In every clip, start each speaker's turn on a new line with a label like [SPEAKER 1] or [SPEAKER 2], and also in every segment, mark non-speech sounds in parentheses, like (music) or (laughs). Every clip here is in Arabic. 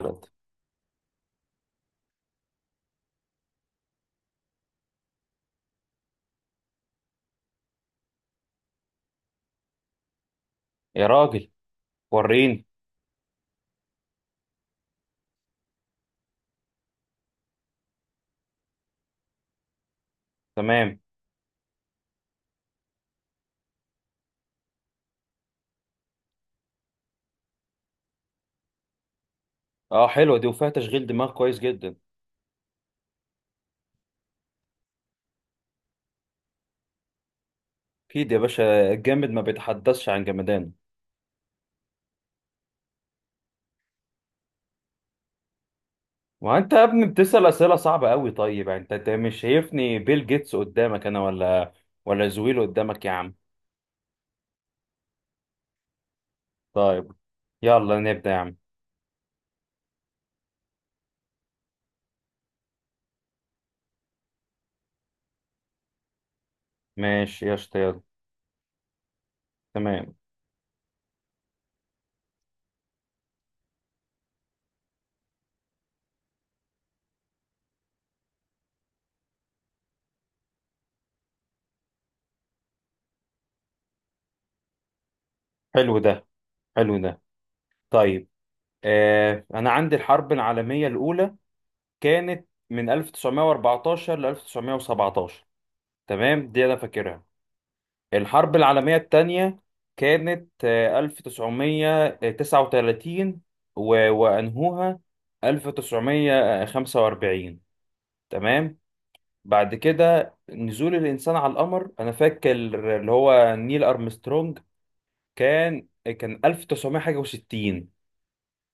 [SPEAKER 1] انت، يا راجل. وريني. تمام. اه، حلوه دي وفيها تشغيل دماغ كويس جدا. اكيد يا باشا، الجامد ما بيتحدثش عن جمدانه. وانت يا ابني بتسأل اسئله صعبه قوي. طيب يعني انت مش شايفني بيل جيتس قدامك انا، ولا زويل قدامك يا عم؟ طيب، يلا نبدا يا عم. ماشي يا شطي، يلا. تمام. حلو ده، حلو ده. طيب، انا عندي الحرب العالميه الاولى كانت من 1914 ل 1917، تمام، دي انا فاكرها. الحرب العالمية التانية كانت 1939، وأنهوها 1945. تمام. بعد كده نزول الإنسان على القمر، أنا فاكر اللي هو نيل أرمسترونج، كان كان 1900 حاجة وستين.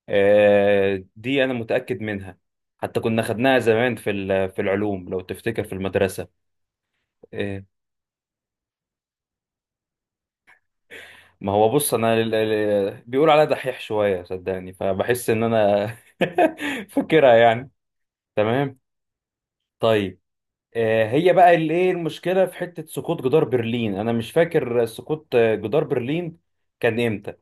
[SPEAKER 1] دي أنا متأكد منها، حتى كنا خدناها زمان في العلوم لو تفتكر في المدرسة. آه، ما هو بص، انا بيقول عليا دحيح شويه، صدقني، فبحس ان انا (laughs) فاكرها يعني. تمام. طيب، هي بقى اللي ايه المشكله في حته سقوط جدار برلين، انا مش فاكر سقوط جدار برلين كان امتى.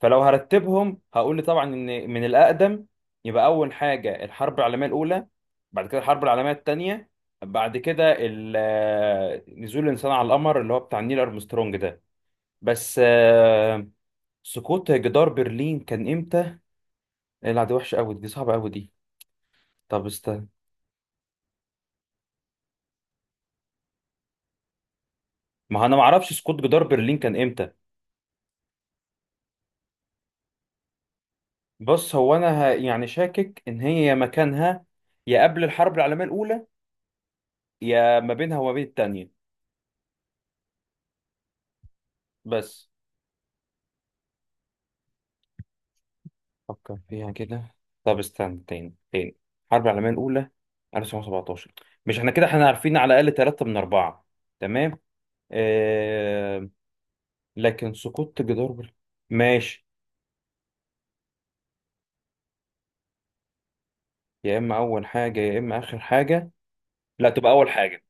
[SPEAKER 1] فلو هرتبهم هقول طبعا ان من الاقدم يبقى اول حاجه الحرب العالميه الاولى، بعد كده الحرب العالميه الثانيه، بعد كده نزول الانسان على القمر اللي هو بتاع نيل ارمسترونج ده. بس سقوط جدار برلين كان امتى؟ لا دي وحشه قوي، دي صعبه قوي دي. طب استنى. ما انا ما اعرفش سقوط جدار برلين كان امتى. بص، هو انا يعني شاكك ان هي يا مكانها يا قبل الحرب العالميه الاولى، يا ما بينها وما بين التانية، بس. فكر فيها كده. طب استنى، تاني تاني. الحرب العالميه الاولى 1917. مش احنا كده احنا عارفين على الاقل ثلاثة من اربعة؟ تمام. آه... لكن سقوط جدار برلين. ماشي. يا اما اول حاجه يا اما اخر حاجه. لا، تبقى اول حاجه.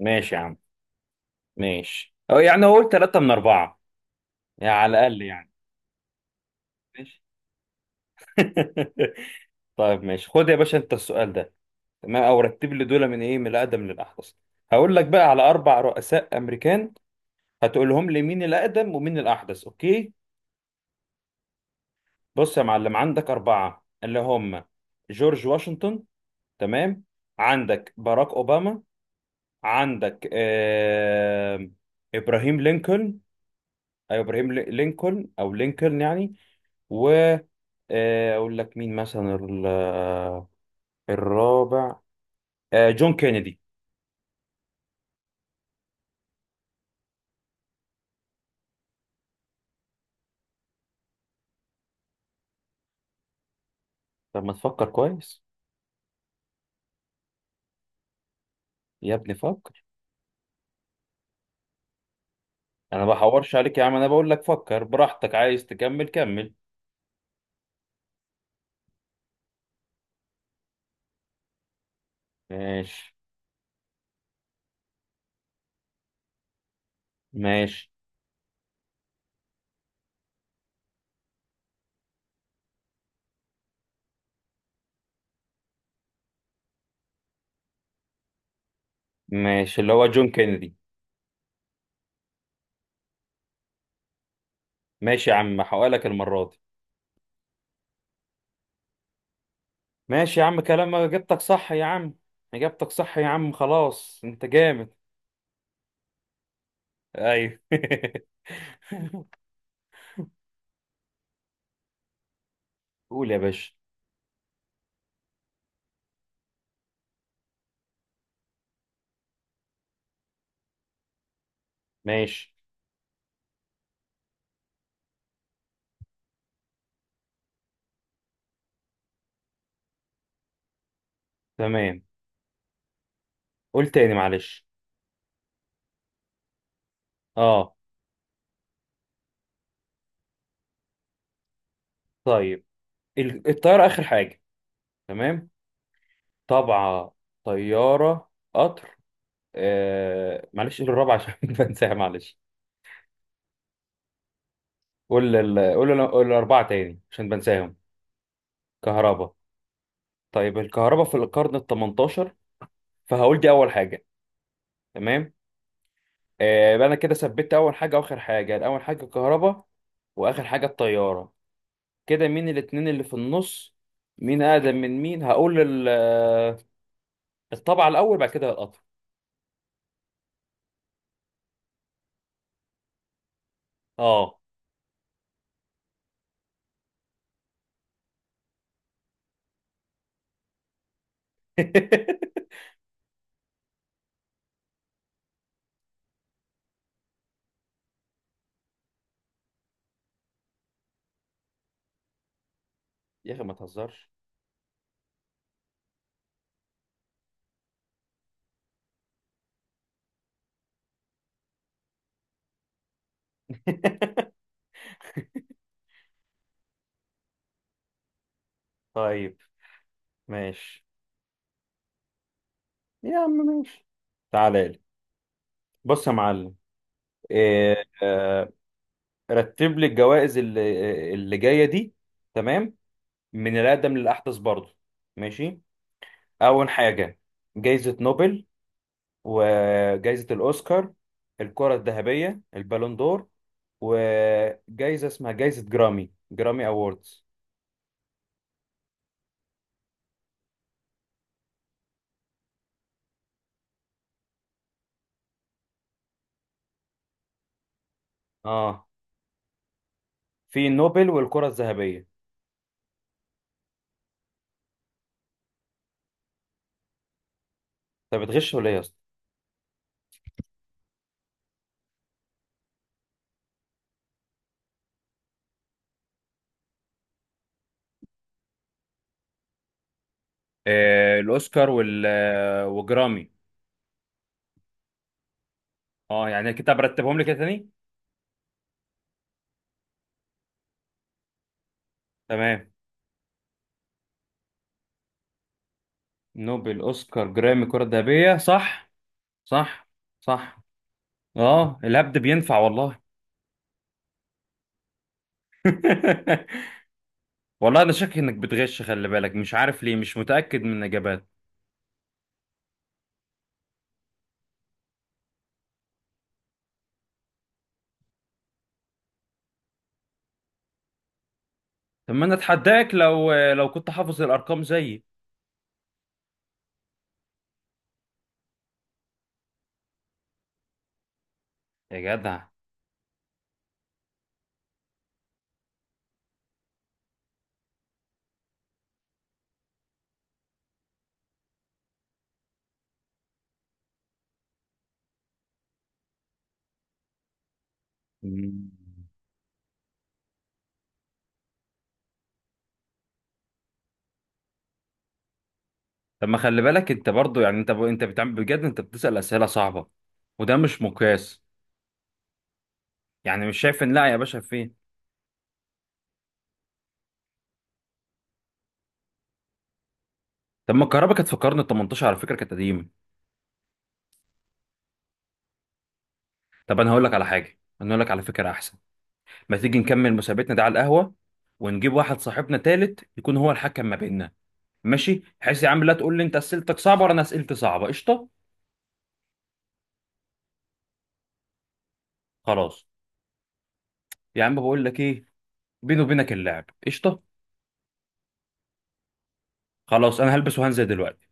[SPEAKER 1] ماشي يا عم، ماشي. او يعني اقول ثلاثة من أربعة، يعني على الاقل يعني. ماشي (laughs) طيب ماشي، خد يا باشا انت السؤال ده. تمام. او رتب لي دول من ايه، من الاقدم للاحدث. هقول لك بقى على اربع رؤساء امريكان، هتقول لهم لي مين الاقدم ومين الاحدث، اوكي؟ بص يا معلم، عندك اربعة اللي هم جورج واشنطن، تمام، عندك باراك اوباما، عندك ابراهيم لينكولن، أيوة ابراهيم لينكولن او لينكولن يعني. و اقول لك مين مثلا الرابع، جون كينيدي. طب ما تفكر كويس يا ابني، فكر. انا ما بحورش عليك يا عم، انا بقول لك فكر براحتك، عايز تكمل كمل. ماشي، ماشي. ماشي اللي هو جون كينيدي. ماشي يا عم، هحققلك المرة دي. ماشي يا عم، كلام، اجابتك صح يا عم، اجابتك صح يا عم، خلاص انت جامد. ايوه (laughs) قول يا باشا. ماشي. تمام. قول تاني معلش. اه. طيب الطيارة آخر حاجة، تمام. طبعة، طيارة، قطر. معلش قول الرابعة عشان (laughs) بنساها معلش. قول الأربعة تاني عشان بنساهم. كهرباء. طيب الكهرباء في القرن ال 18، فهقول دي أول حاجة. تمام. يبقى أنا كده ثبت أول حاجة وآخر حاجة، أول حاجة الكهرباء وآخر حاجة الطيارة. كده مين الاتنين اللي في النص، مين أقدم من مين؟ هقول ال... آه، الطبعة الأول بعد كده القطر. اه. (laughs) يا أخي ما تهزرش. (laughs) طيب ماشي يا عم. ماشي، تعالى لي. بص يا معلم. إيه آه. رتب لي الجوائز اللي جايه دي، تمام، من الاقدم للاحدث برضه. ماشي. اول حاجه، جائزه نوبل، وجائزه الاوسكار، الكره الذهبيه البالون دور، وجائزه اسمها جائزه جرامي، جرامي اووردز. اه، في نوبل والكره الذهبيه. طب بتغش ولا ايه يا اسطى؟ الاوسكار، وال آه، وجرامي. اه، يعني كده برتبهم لي كده تاني. تمام. نوبل، اوسكار، جرامي، كرة ذهبية، صح؟ صح. صح. اه، الهبد بينفع والله. (laughs) والله انا شاكك انك بتغش، خلي بالك، مش عارف ليه مش متأكد من الاجابات. طب ما انا اتحداك، لو كنت حافظ الارقام زيي. يا جدع. مم. طب ما خلي بالك انت برضو، يعني انت انت بتعمل بجد، انت بتسأل اسئلة صعبة، وده مش مقياس. يعني مش شايف ان، لا يا باشا فين. طب ما الكهرباء كانت في القرن ال 18 على فكرة، كانت قديمة. طب انا هقول لك على حاجه، انا هقول لك على فكره احسن. ما تيجي نكمل مسابقتنا ده على القهوه، ونجيب واحد صاحبنا تالت يكون هو الحكم ما بيننا، ماشي؟ بحيث يا عم لا تقول لي انت اسئلتك صعبه ولا انا اسئلتي صعبه. قشطه. خلاص. يا عم بقول لك ايه، بيني وبينك اللعب قشطه. خلاص انا هلبس وهنزل دلوقتي.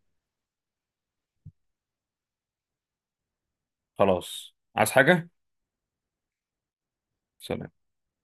[SPEAKER 1] خلاص، عايز حاجه؟ سلام.